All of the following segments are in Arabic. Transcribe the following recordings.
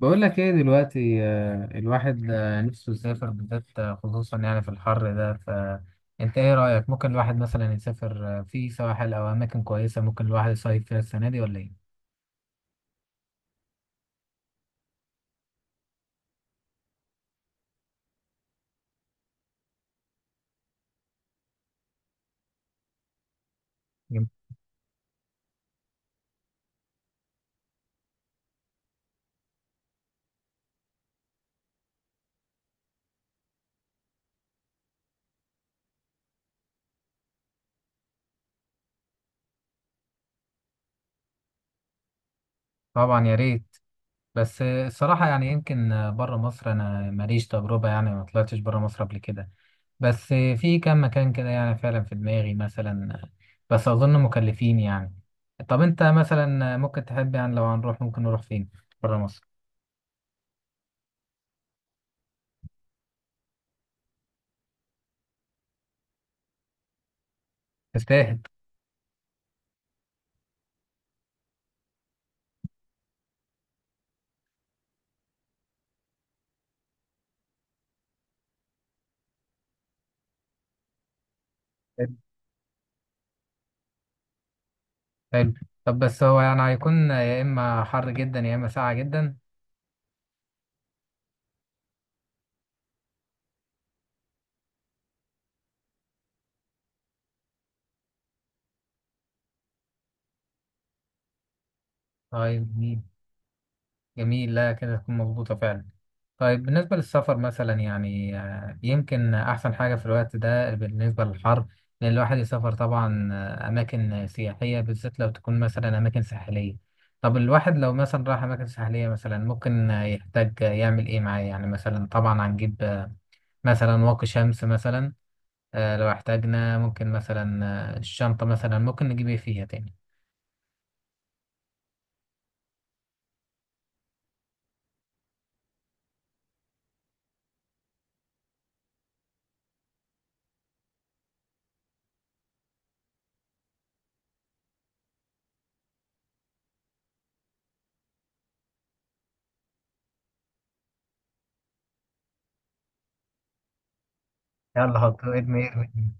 بقول لك ايه دلوقتي الواحد نفسه يسافر بالذات خصوصا يعني في الحر ده. فانت ايه رأيك؟ ممكن الواحد مثلا يسافر في سواحل او اماكن كويسة ممكن الواحد يصيف فيها السنة دي ولا ايه؟ يم- طبعا يا ريت. بس الصراحة يعني يمكن بره مصر انا ماليش تجربة، يعني ما طلعتش بره مصر قبل كده. بس في كام مكان كده يعني فعلا في دماغي مثلا بس اظن مكلفين يعني. طب انت مثلا ممكن تحب يعني لو هنروح ممكن نروح فين بره مصر؟ تستاهل. حلو. طب بس هو يعني هيكون يا إما حر جدا يا إما ساقع جدا. طيب جميل. جميل، لا كده تكون مظبوطة فعلا. طيب بالنسبة للسفر مثلا يعني يمكن أحسن حاجة في الوقت ده بالنسبة للحر إن الواحد يسافر طبعا أماكن سياحية، بالذات لو تكون مثلا أماكن ساحلية. طب الواحد لو مثلا راح أماكن ساحلية مثلا ممكن يحتاج يعمل إيه معاه؟ يعني مثلا طبعا هنجيب مثلا واقي شمس مثلا. لو احتاجنا ممكن مثلا الشنطة مثلا ممكن نجيب ايه فيها تاني؟ يلا حط ارمي ارمي.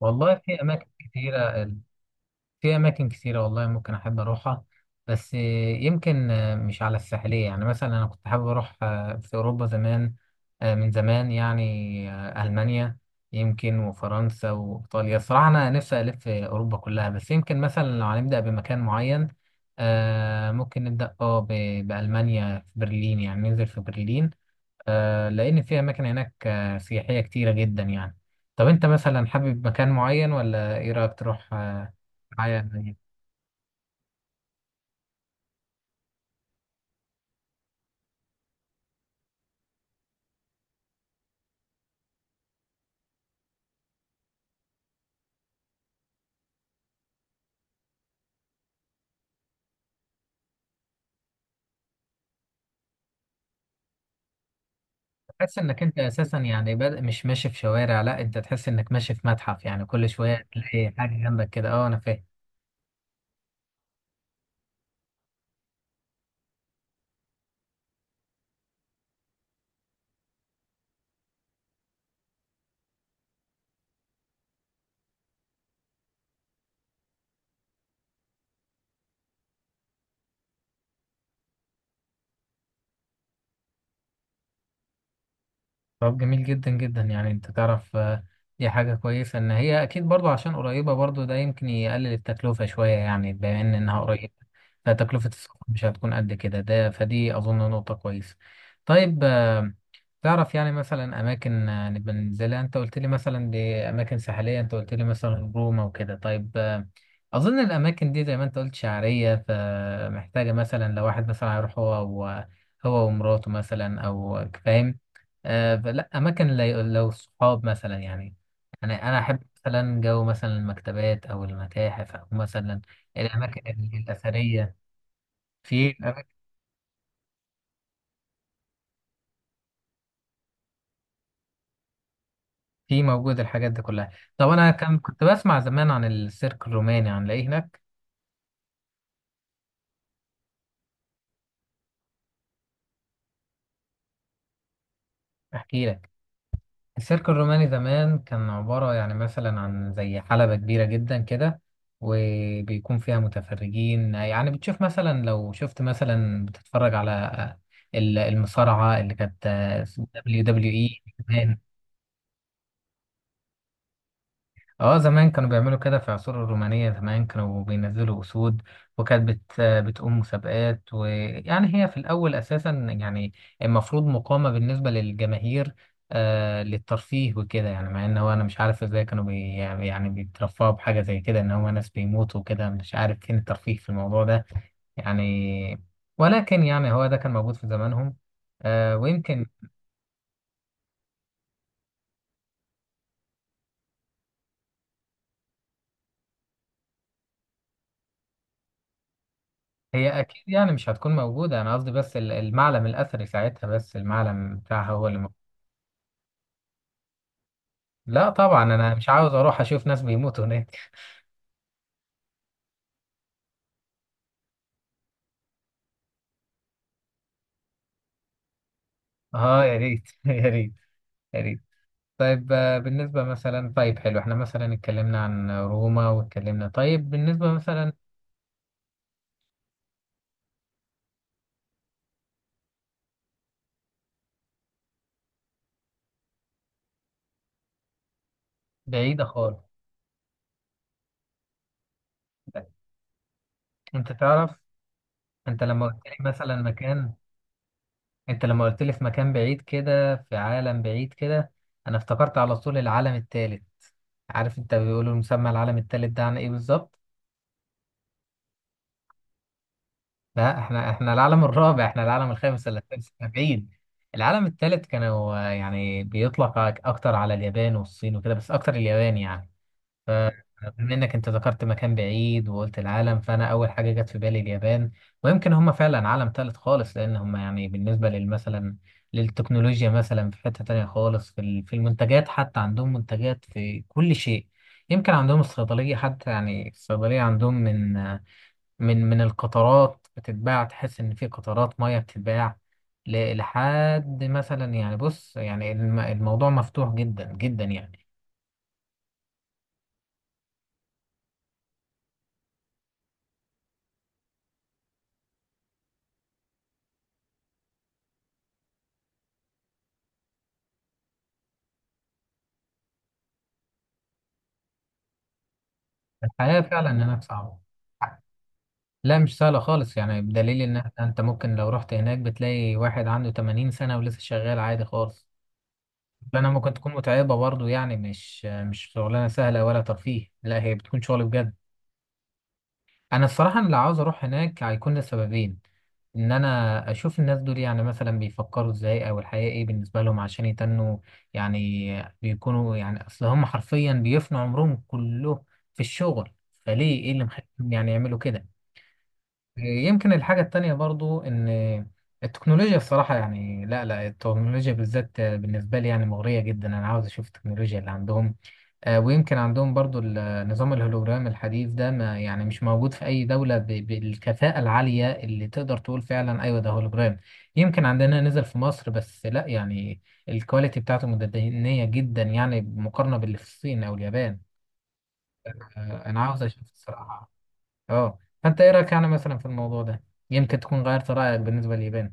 والله في أماكن كتيرة. في أماكن كتيرة والله ممكن أحب أروحها. بس يمكن مش على الساحلية، يعني مثلا أنا كنت حابب أروح في أوروبا زمان. من زمان يعني ألمانيا يمكن وفرنسا وإيطاليا. صراحة أنا نفسي ألف في أوروبا كلها، بس يمكن مثلا لو هنبدأ بمكان معين ممكن نبدأ بألمانيا، في برلين، يعني ننزل في برلين. لأن في أماكن هناك سياحية كتيرة جدا يعني. طب أنت مثلا حابب مكان معين ولا إيه رأيك تروح معايا يعني؟ تحس إنك أنت أساسا يعني بادئ مش ماشي في شوارع، لا أنت تحس إنك ماشي في متحف. يعني كل شوية تلاقي حاجة جنبك كده. أه أنا فاهم. طب جميل جدا جدا. يعني أنت تعرف دي حاجة كويسة إن هي أكيد برضو عشان قريبة. برضو ده يمكن يقلل التكلفة شوية، يعني بما إن إنها قريبة فتكلفة السفر مش هتكون قد كده. ده فدي أظن نقطة كويسة. طيب تعرف يعني مثلا اماكن نبقى ننزلها؟ انت قلت لي مثلا دي اماكن ساحليه، انت قلت لي مثلا روما وكده. طيب اظن الاماكن دي زي ما انت قلت شعريه، فمحتاجه مثلا لو واحد مثلا هيروح هو ومراته مثلا او فاهم فلا اماكن لو صحاب مثلا يعني. انا احب مثلا جو مثلا المكتبات او المتاحف او مثلا الاماكن الاثريه. في في موجود الحاجات دي كلها. طب انا كان كنت بسمع زمان عن السيرك الروماني، عن ايه هناك؟ احكي لك. السيرك الروماني زمان كان عبارة يعني مثلا عن زي حلبة كبيرة جدا كده وبيكون فيها متفرجين. يعني بتشوف مثلا، لو شفت مثلا، بتتفرج على المصارعة اللي كانت دبليو دبليو. اي، اه، زمان كانوا بيعملوا كده في العصور الرومانية. زمان كانوا بينزلوا أسود وكانت بتقوم مسابقات. ويعني هي في الأول أساسا يعني المفروض مقامة بالنسبة للجماهير للترفيه وكده. يعني مع إن هو أنا مش عارف إزاي كانوا يعني بيترفعوا بحاجة زي كده، إن هو ناس بيموتوا وكده. مش عارف فين الترفيه في الموضوع ده يعني. ولكن يعني هو ده كان موجود في زمانهم. ويمكن هي اكيد يعني مش هتكون موجوده. انا قصدي بس المعلم الاثري ساعتها، بس المعلم بتاعها هو اللي موجود. لا طبعا انا مش عاوز اروح اشوف ناس بيموتوا هناك. اه يا ريت يا ريت يا ريت. طيب بالنسبه مثلا، طيب حلو احنا مثلا اتكلمنا عن روما، واتكلمنا طيب بالنسبه مثلا. بعيده خالص. انت تعرف، انت لما قلت لي مثلا مكان، انت لما قلت لي في مكان بعيد كده، في عالم بعيد كده، انا افتكرت على طول العالم الثالث. عارف انت بيقولوا مسمى العالم الثالث ده عن ايه بالظبط؟ لا، احنا العالم الرابع، احنا العالم الخامس ولا السادس، احنا بعيد. العالم الثالث كانوا يعني بيطلق اكتر على اليابان والصين وكده، بس اكتر اليابان يعني. فبما انك انت ذكرت مكان بعيد وقلت العالم، فانا اول حاجه جت في بالي اليابان. ويمكن هم فعلا عالم ثالث خالص، لان هم يعني بالنسبه للمثلا للتكنولوجيا مثلا في حته تانية خالص. في في المنتجات حتى، عندهم منتجات في كل شيء. يمكن عندهم الصيدليه حتى، يعني الصيدليه عندهم من من القطرات بتتباع، تحس ان في قطرات ميه بتتباع لحد مثلا. يعني بص يعني الموضوع مفتوح جدا جدا يعني. الحياه فعلا هناك صعبه. لا مش سهله خالص، يعني بدليل انت ممكن لو رحت هناك بتلاقي واحد عنده 80 سنه ولسه شغال عادي خالص. لانها ممكن تكون متعبه برضو، يعني مش شغلانه سهله ولا ترفيه. لا هي بتكون شغل بجد. انا الصراحه أنا اللي عاوز اروح هناك هيكون لسببين. ان انا اشوف الناس دول، يعني مثلا بيفكروا ازاي، او الحياه ايه بالنسبه لهم، عشان يتنوا يعني بيكونوا يعني اصل هم حرفيا بيفنوا عمرهم كله في الشغل. فليه ايه اللي مخليهم يعني يعملوا كده؟ يمكن الحاجه التانية برضو ان التكنولوجيا، الصراحه يعني، لا لا، التكنولوجيا بالذات بالنسبه لي يعني مغريه جدا. انا عاوز اشوف التكنولوجيا اللي عندهم. ويمكن عندهم برضو النظام الهولوجرام الحديث ده، ما يعني مش موجود في أي دولة بالكفاءة العالية اللي تقدر تقول فعلا أيوة ده هولوجرام. يمكن عندنا نزل في مصر بس لا، يعني الكواليتي بتاعته متدنية جدا يعني مقارنة باللي في الصين أو اليابان. أنا عاوز أشوف الصراحة. أه فأنت إيه رأيك يعني مثلا في الموضوع ده؟ يمكن تكون غيرت رأيك بالنسبة لليابان.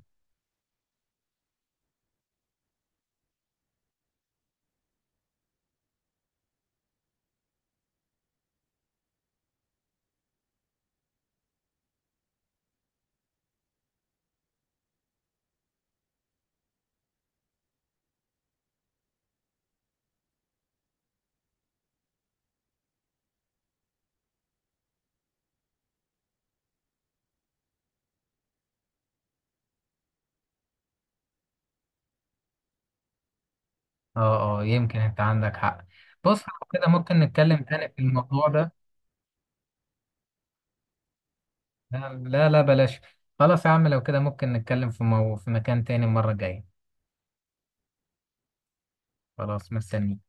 أه أه يمكن أنت عندك حق. بص لو كده ممكن نتكلم تاني في الموضوع ده. نعم، لا لا بلاش. خلاص يا عم، لو كده ممكن نتكلم في في مكان تاني المرة الجاية. خلاص مستني.